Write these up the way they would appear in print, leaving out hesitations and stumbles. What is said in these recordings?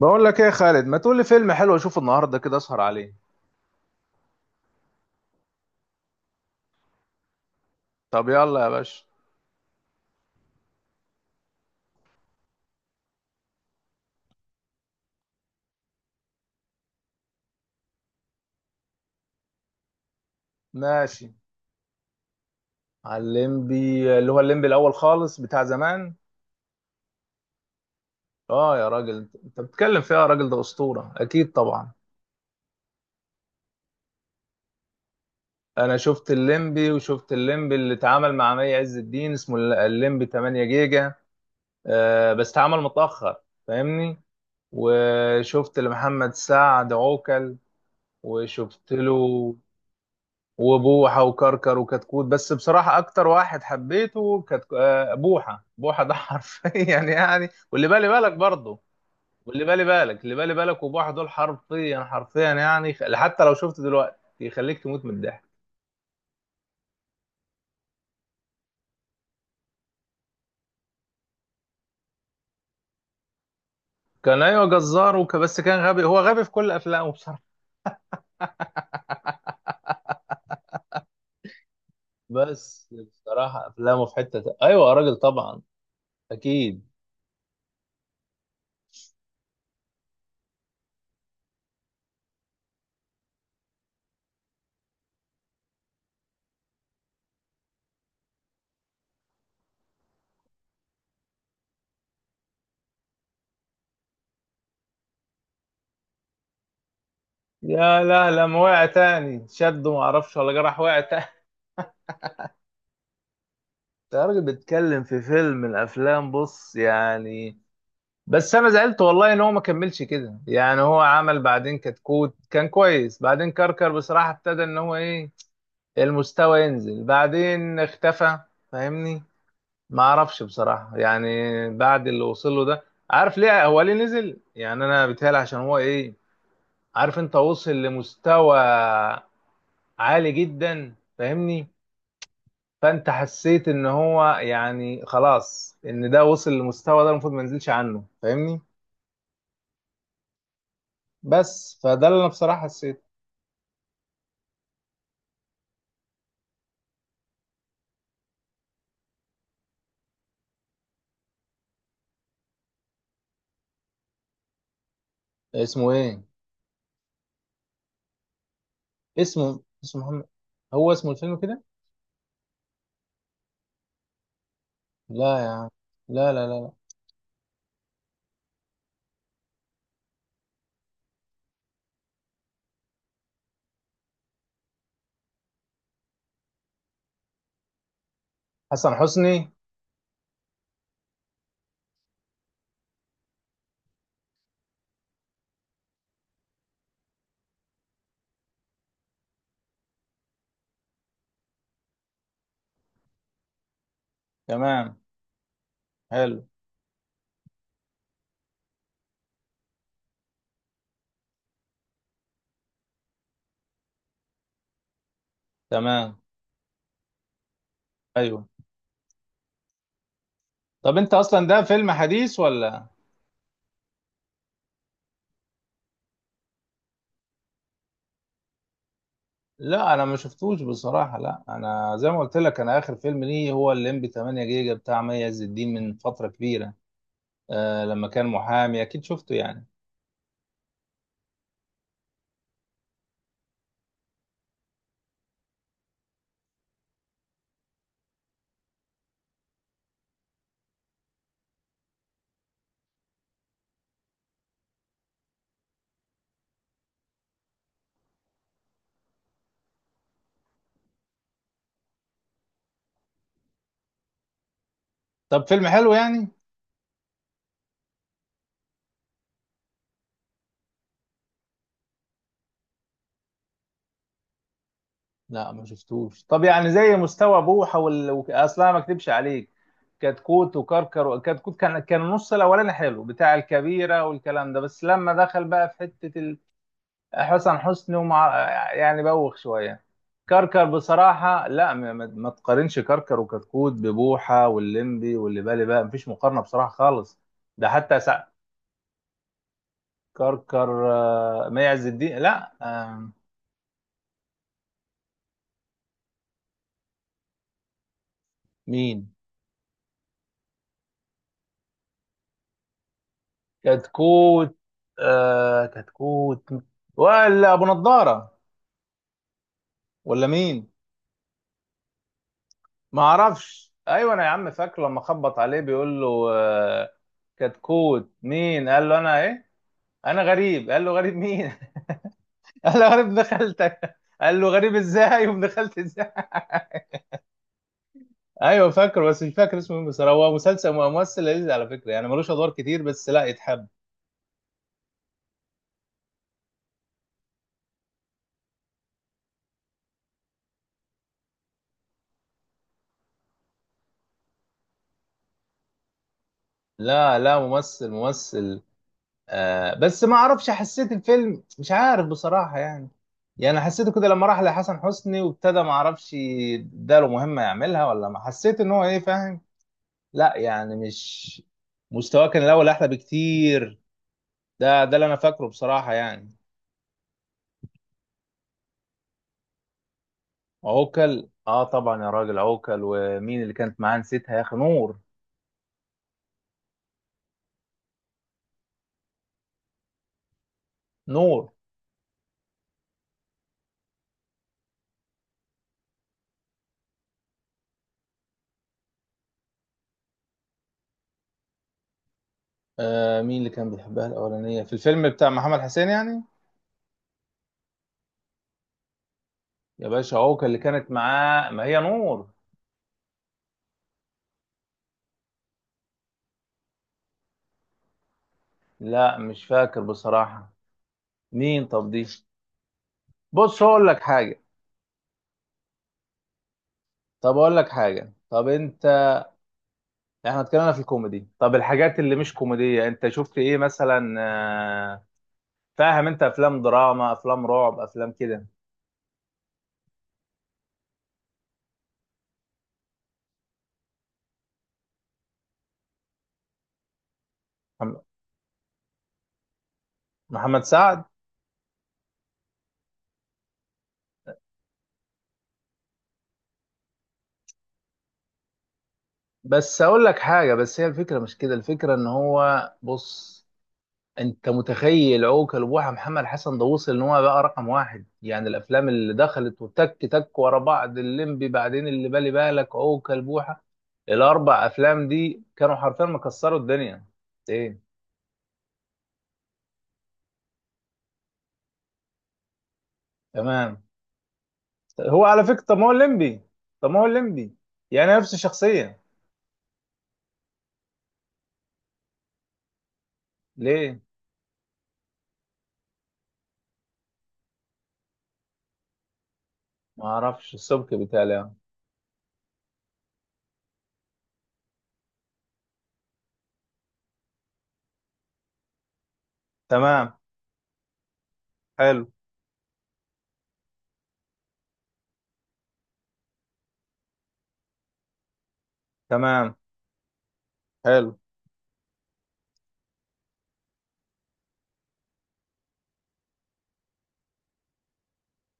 بقول لك ايه يا خالد، ما تقول لي فيلم حلو اشوفه النهارده كده اسهر عليه. طب يلا يا باشا. ماشي. على الليمبي اللي هو الليمبي الاول خالص بتاع زمان. اه يا راجل، انت بتتكلم فيها يا راجل، ده اسطوره اكيد طبعا. انا شفت الليمبي وشفت الليمبي اللي اتعمل مع مي عز الدين، اسمه الليمبي 8 جيجا. آه بس اتعمل متاخر. فاهمني. وشفت لمحمد سعد عوكل وشفت له وبوحة وكركر وكتكوت. بس بصراحة أكتر واحد حبيته كتك... آه، بوحة ده حرفيا يعني واللي بالي بالك برضه. واللي بالي بالك وبوحة دول حرفيا حرفيا، يعني حتى لو شفت دلوقتي يخليك تموت من الضحك. كان أيوة جزار بس كان غبي، هو غبي في كل أفلامه بصراحة. بس بصراحة أفلامه في حتة أيوة يا راجل طبعا، أكيد. يا لا، لما وقع تاني شده، معرفش ولا جرح، وقع تاني. ده راجل بيتكلم في فيلم من الافلام، بص يعني. بس انا زعلت والله ان هو ما كملش كده، يعني هو عمل بعدين كتكوت كان كويس، بعدين كركر بصراحة ابتدى ان هو ايه، المستوى ينزل، بعدين اختفى. فاهمني. ما اعرفش بصراحة يعني، بعد اللي وصل له ده. عارف ليه هو ليه نزل؟ يعني انا بيتهيألي عشان هو ايه، عارف، انت وصل لمستوى عالي جدا، فاهمني، فانت حسيت ان هو يعني خلاص ان ده وصل للمستوى ده المفروض ما ينزلش عنه، فاهمني. بس فده اللي انا بصراحة حسيته. اسمه ايه؟ اسمه محمد، هو اسمه الفيلم كده؟ لا يا عم، لا لا لا لا. حسن حسني. تمام. حلو. تمام. ايوه. طب انت اصلا ده فيلم حديث ولا؟ لا انا ما شفتوش بصراحه. لا انا زي ما قلت لك، انا اخر فيلم ليه هو الليمبي 8 جيجا بتاع مي عز الدين، من فتره كبيره. آه لما كان محامي اكيد شفته يعني. طب فيلم حلو يعني؟ لا ما شفتوش. طب يعني زي مستوى بوحة اصلا ما اكدبش عليك، كتكوت وكركر وكتكوت، كان النص الاولاني حلو بتاع الكبيرة والكلام ده، بس لما دخل بقى في حتة حسن حسني ومع، يعني بوخ شوية. كركر بصراحة لا، ما تقارنش كركر وكتكوت ببوحة واللمبي واللي بالي بقى، مفيش مقارنة بصراحة خالص. ده حتى سع... كركر آه، مي عز الدين، لا آه، مين؟ كتكوت. آه كتكوت، ولا ابو نضاره، ولا مين؟ ما اعرفش. ايوه انا يا عم فاكره لما خبط عليه بيقول له آه كتكوت مين؟ قال له انا ايه، انا غريب. قال له غريب مين؟ قال له غريب ابن خالتك. قال له غريب ازاي وابن خالتي ازاي؟ ايوه فاكره، بس مش فاكر اسمه مين، بس هو مسلسل ممثل لذيذ على فكره يعني، ملوش ادوار كتير بس لا يتحب. لا لا، ممثل ممثل. آه بس ما اعرفش، حسيت الفيلم مش عارف بصراحة يعني. يعني حسيته كده لما راح لحسن حسني وابتدى ما اعرفش اداله مهمة يعملها ولا، ما حسيت ان هو ايه، فاهم. لا يعني مش، مستواه كان الاول احلى بكتير. ده اللي انا فاكره بصراحة يعني. عوكل اه طبعا يا راجل، عوكل ومين اللي كانت معاه؟ نسيتها يا اخي. نور. نور. آه مين اللي كان بيحبها الاولانية في الفيلم بتاع محمد حسين يعني؟ يا باشا عوكل اللي كانت معاه ما هي نور. لا مش فاكر بصراحة. مين طب دي؟ بص هقول لك حاجه. طب اقول لك حاجه، طب انت، احنا اتكلمنا في الكوميدي، طب الحاجات اللي مش كوميديه انت شفت ايه مثلا، فاهم، انت افلام دراما، افلام رعب، افلام كده. محم- محمد سعد. بس اقول لك حاجه، بس هي الفكره مش كده، الفكره ان هو بص، انت متخيل عوكل بوحة محمد حسن، ده وصل ان هو بقى رقم واحد، يعني الافلام اللي دخلت وتك تك ورا بعض، الليمبي، بعدين اللي بالي بالك، عوكل، بوحة، الاربع افلام دي كانوا حرفيا مكسروا الدنيا. ايه؟ تمام. هو على فكرة، طب ما هو الليمبي، طب ما هو الليمبي يعني نفس الشخصية. ليه؟ ما اعرفش السبك بتاعي. تمام. حلو. تمام. حلو.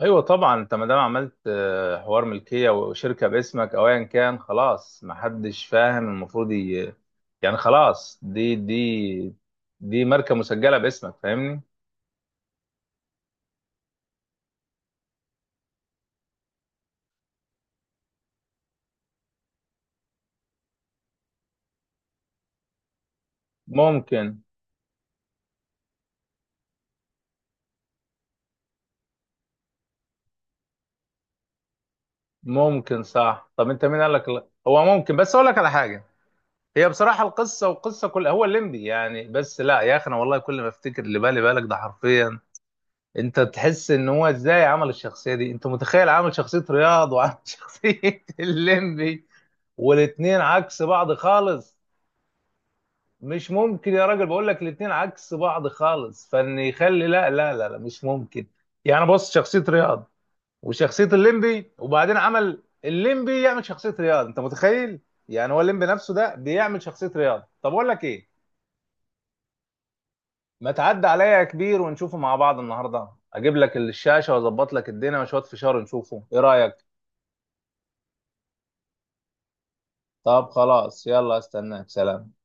ايوه طبعا، انت ما دام عملت حوار ملكيه وشركه باسمك او ايا كان، خلاص ما حدش فاهم، المفروض يعني خلاص دي، دي ماركه مسجله باسمك، فاهمني. ممكن. ممكن صح. طب انت مين قال لك لا؟ هو ممكن، بس اقول لك على حاجه، هي بصراحه القصه، والقصه كلها هو الليمبي يعني، بس لا يا اخي انا والله كل ما افتكر اللي بالي بالك ده حرفيا، انت تحس ان هو ازاي عمل الشخصيه دي. انت متخيل عامل شخصيه رياض وعامل شخصيه الليمبي، والاتنين عكس بعض خالص. مش ممكن يا راجل، بقول لك الاتنين عكس بعض خالص، فان يخلي لا لا لا لا، مش ممكن. يعني بص، شخصيه رياض وشخصيه الليمبي، وبعدين عمل الليمبي يعمل شخصيه رياض، انت متخيل؟ يعني هو الليمبي نفسه ده بيعمل شخصيه رياض. طب اقول لك ايه، ما تعدي عليا يا كبير ونشوفه مع بعض النهارده، اجيب لك الشاشه واظبط لك الدنيا وشويه فشار نشوفه ايه رايك؟ طب خلاص يلا، استناك، سلام.